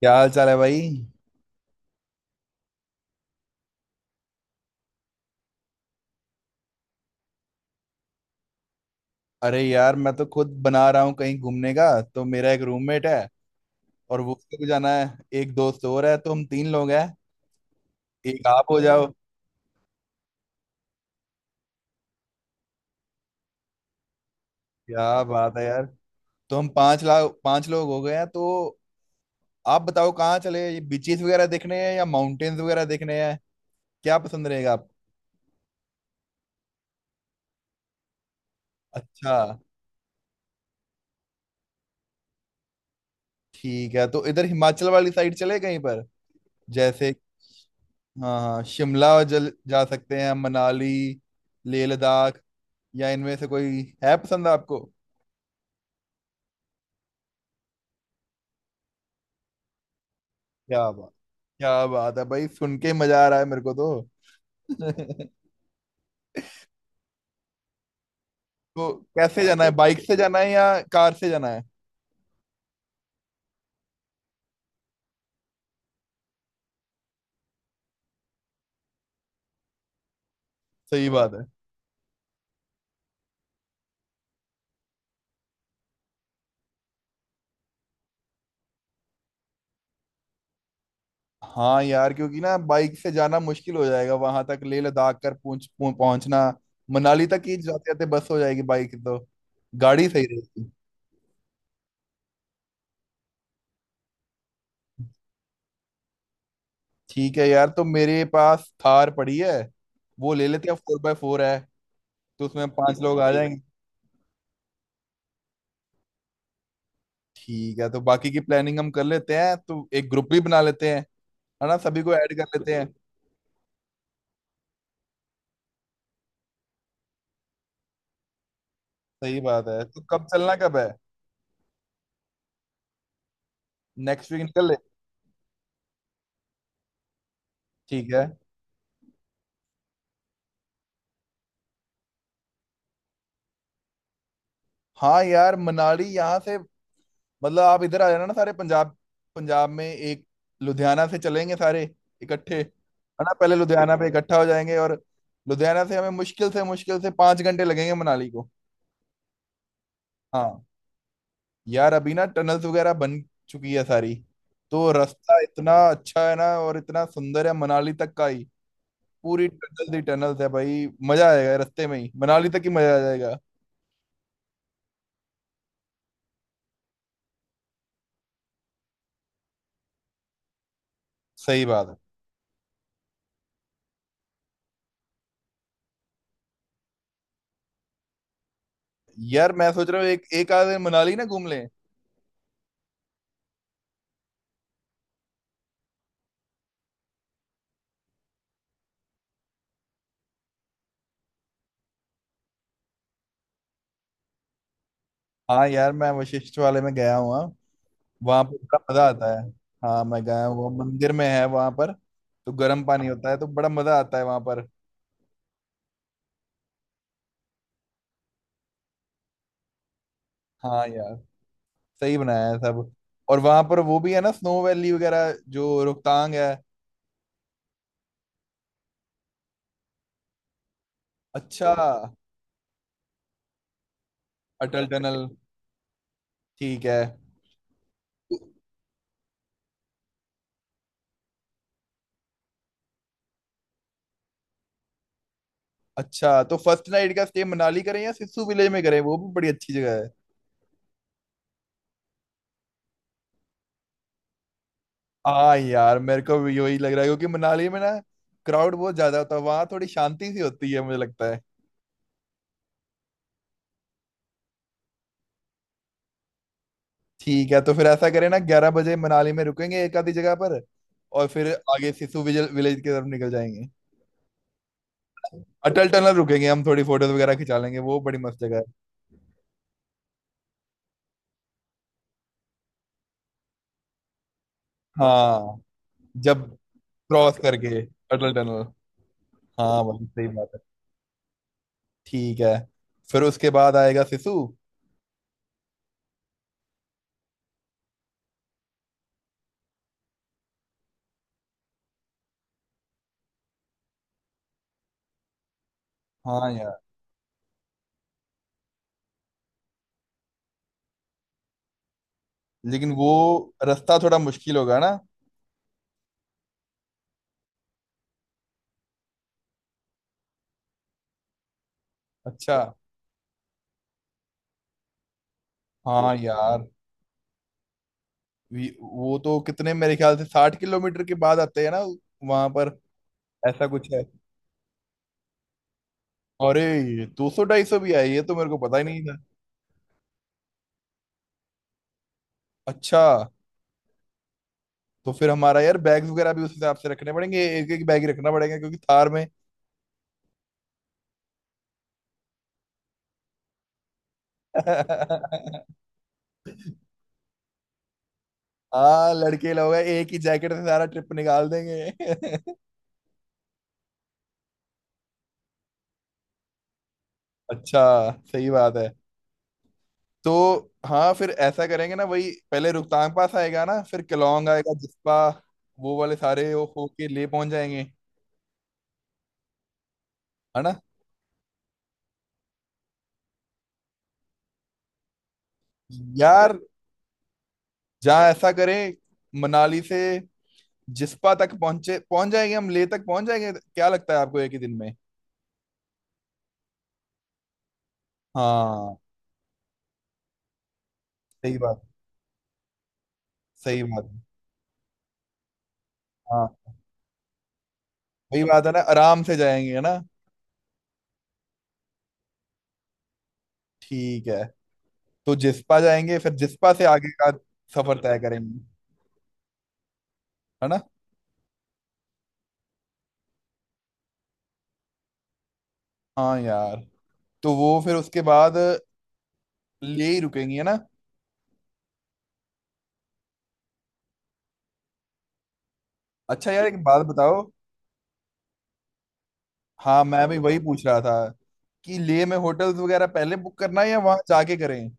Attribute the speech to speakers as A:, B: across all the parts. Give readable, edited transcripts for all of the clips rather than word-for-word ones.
A: क्या हाल चाल है भाई। अरे यार, मैं तो खुद बना रहा हूँ कहीं घूमने का। तो मेरा एक रूममेट है और वो, उसको भी जाना है। एक दोस्त और है, तो हम तीन लोग हैं। एक आप हो जाओ। क्या बात है यार। तो हम 5 लाख पांच लोग हो गए हैं। तो आप बताओ कहाँ चले, ये बीचेस वगैरह देखने हैं या माउंटेन्स वगैरह देखने हैं? क्या पसंद रहेगा आप। अच्छा। ठीक है, तो इधर हिमाचल वाली साइड चले कहीं पर? जैसे, हाँ हाँ, शिमला जल जा सकते हैं, मनाली, लेह लद्दाख, या इनमें से कोई है पसंद आपको? क्या बात। क्या बात है भाई, सुन के ही मजा आ रहा है मेरे को तो। तो कैसे जाना है, बाइक से जाना है या कार से जाना है? सही बात है। हाँ यार, क्योंकि ना बाइक से जाना मुश्किल हो जाएगा वहां तक, लेह लद्दाख कर पहुंचना। मनाली तक ही जाते जाते बस हो जाएगी बाइक तो। गाड़ी सही रहेगी। ठीक है यार, तो मेरे पास थार पड़ी है, वो ले लेते हैं, 4x4 है। तो उसमें पांच लोग आ जाएंगे। ठीक है, तो बाकी की प्लानिंग हम कर लेते हैं, तो एक ग्रुप भी बना लेते हैं, है ना, सभी को ऐड कर लेते हैं। सही बात है। तो कब चलना, कब है? नेक्स्ट वीक निकल ले। ठीक है। हाँ यार, मनाली यहाँ से, मतलब आप इधर आ जाना ना सारे, पंजाब, पंजाब में एक, लुधियाना से चलेंगे सारे इकट्ठे, है ना। पहले लुधियाना पे इकट्ठा हो जाएंगे, और लुधियाना से हमें मुश्किल से 5 घंटे लगेंगे मनाली को। हाँ यार, अभी ना टनल्स वगैरह बन चुकी है सारी, तो रास्ता इतना अच्छा है ना और इतना सुंदर है मनाली तक का ही। पूरी टनल ही टनल्स है भाई। मजा आएगा रास्ते में ही, मनाली तक ही मजा आ जाएगा। सही बात है। यार मैं सोच रहा हूँ एक एक आध दिन मनाली ना घूम लें। हाँ यार, मैं वशिष्ठ वाले में गया हुआ। वहां पर बड़ा मजा आता है। हाँ मैं गया हुआ, मंदिर में है वहां पर। तो गर्म पानी होता है तो बड़ा मजा आता है वहां पर। हाँ यार, सही बनाया है सब। और वहां पर वो भी है ना, स्नो वैली वगैरह जो रोहतांग है। अच्छा। अटल टनल। ठीक है। अच्छा, तो फर्स्ट नाइट का स्टे मनाली करें या सिस्सू विलेज में करें? वो भी बड़ी अच्छी जगह है। हाँ यार, मेरे को भी यही लग रहा है क्योंकि मनाली में ना, क्राउड बहुत ज्यादा होता है, वहां थोड़ी शांति सी होती है, मुझे लगता है। ठीक है, तो फिर ऐसा करें ना, 11 बजे मनाली में रुकेंगे एक आधी जगह पर, और फिर आगे सिसु विजल विलेज की तरफ निकल जाएंगे। अटल टनल रुकेंगे हम, थोड़ी फोटोज वगैरह खिंचा लेंगे, वो बड़ी मस्त जगह है। हाँ, जब क्रॉस करके अटल टनल। हाँ भाई, सही बात है। ठीक है। फिर उसके बाद आएगा सिसु। हाँ यार, लेकिन वो रास्ता थोड़ा मुश्किल होगा ना। अच्छा। हाँ यार। वो तो कितने, मेरे ख्याल से 60 किलोमीटर के बाद आते हैं ना वहां पर, ऐसा कुछ है। अरे 200-250 भी है, ये तो मेरे को पता ही नहीं था। अच्छा। तो फिर हमारा यार बैग वगैरह भी उस हिसाब से रखने पड़ेंगे, एक एक बैग ही रखना पड़ेगा क्योंकि थार में। हाँ लड़के लोग हैं, एक ही जैकेट से सारा ट्रिप निकाल देंगे। अच्छा, सही बात है। तो हाँ, फिर ऐसा करेंगे ना, वही पहले रोहतांग पास आएगा ना, फिर केलोंग आएगा, जिस्पा, वो वाले सारे होके ले पहुंच जाएंगे, है ना। यार जहाँ ऐसा करें, मनाली से जिस्पा तक पहुंचे, पहुंच जाएंगे हम, लेह तक पहुंच जाएंगे क्या लगता है आपको, एक ही दिन में? हाँ सही बात। सही बात है। हाँ वही बात है ना, आराम से जाएंगे, है ना। ठीक है, तो जिस्पा जाएंगे, फिर जिस्पा से आगे का सफर तय करेंगे, है ना। हाँ यार। तो वो फिर उसके बाद ले ही रुकेंगे, है ना। अच्छा यार, एक बात बताओ। हाँ, मैं भी वही पूछ रहा था कि ले में होटल्स वगैरह पहले बुक करना है या वहां जाके करें।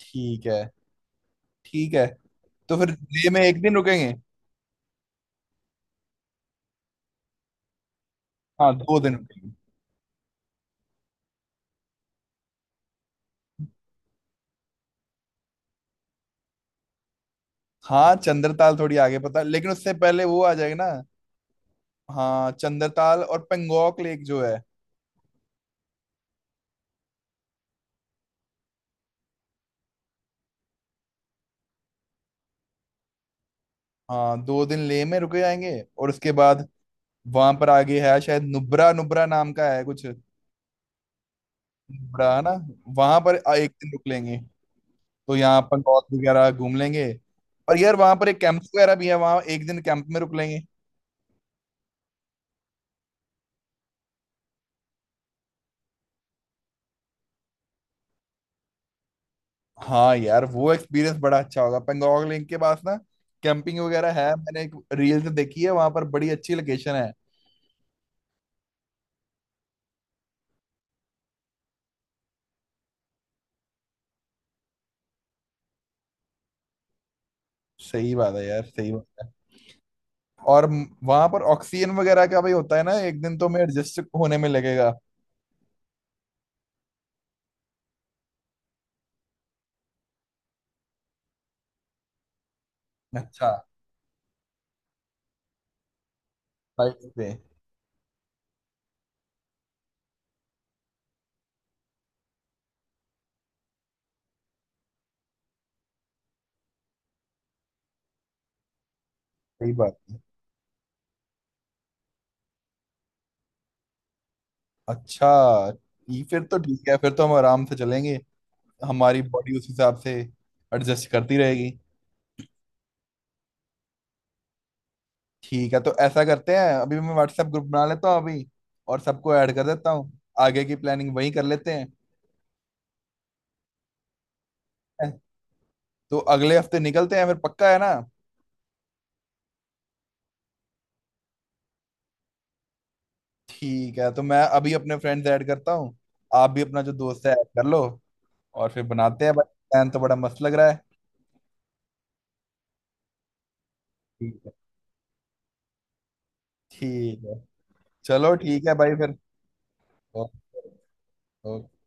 A: ठीक है। ठीक है, तो फिर लेह में एक दिन रुकेंगे। हाँ 2 दिन रुकेंगे। हाँ चंद्रताल थोड़ी आगे, पता, लेकिन उससे पहले वो आ जाएगा ना। हाँ चंद्रताल और पेंगोंग लेक जो है। हाँ दो दिन लेह में रुके जाएंगे, और उसके बाद वहां पर आगे है शायद नुब्रा, नुब्रा नाम का है कुछ। नुब्रा है ना, वहां पर एक दिन रुक लेंगे। तो यहाँ पेंगोंग वगैरह घूम लेंगे। और यार वहां पर एक कैंप वगैरह भी है, वहां एक दिन कैंप में रुक लेंगे। हाँ यार, वो एक्सपीरियंस बड़ा अच्छा होगा। पेंगोंग लेक के पास ना, कैंपिंग वगैरह है, मैंने एक रील्स देखी है, वहां पर बड़ी अच्छी लोकेशन है। सही बात है यार, सही बात है। और वहां पर ऑक्सीजन वगैरह का भी होता है ना, एक दिन तो मैं एडजस्ट होने में लगेगा। अच्छा, फ्लाइट से। सही बात है। अच्छा, ये फिर तो ठीक है, फिर तो हम आराम से चलेंगे। हमारी बॉडी उस हिसाब से एडजस्ट करती रहेगी। ठीक है, तो ऐसा करते हैं, अभी मैं व्हाट्सएप ग्रुप बना लेता हूँ अभी, और सबको ऐड कर देता हूँ। आगे की प्लानिंग वहीं कर लेते हैं। है। तो अगले हफ्ते निकलते हैं फिर, पक्का है ना? ठीक है, तो मैं अभी अपने फ्रेंड्स ऐड करता हूँ, आप भी अपना जो दोस्त है ऐड कर लो, और फिर बनाते हैं भाई। प्लान तो बड़ा मस्त लग रहा है। ठीक है। ठीक है, चलो ठीक है भाई फिर। ओके। ओके।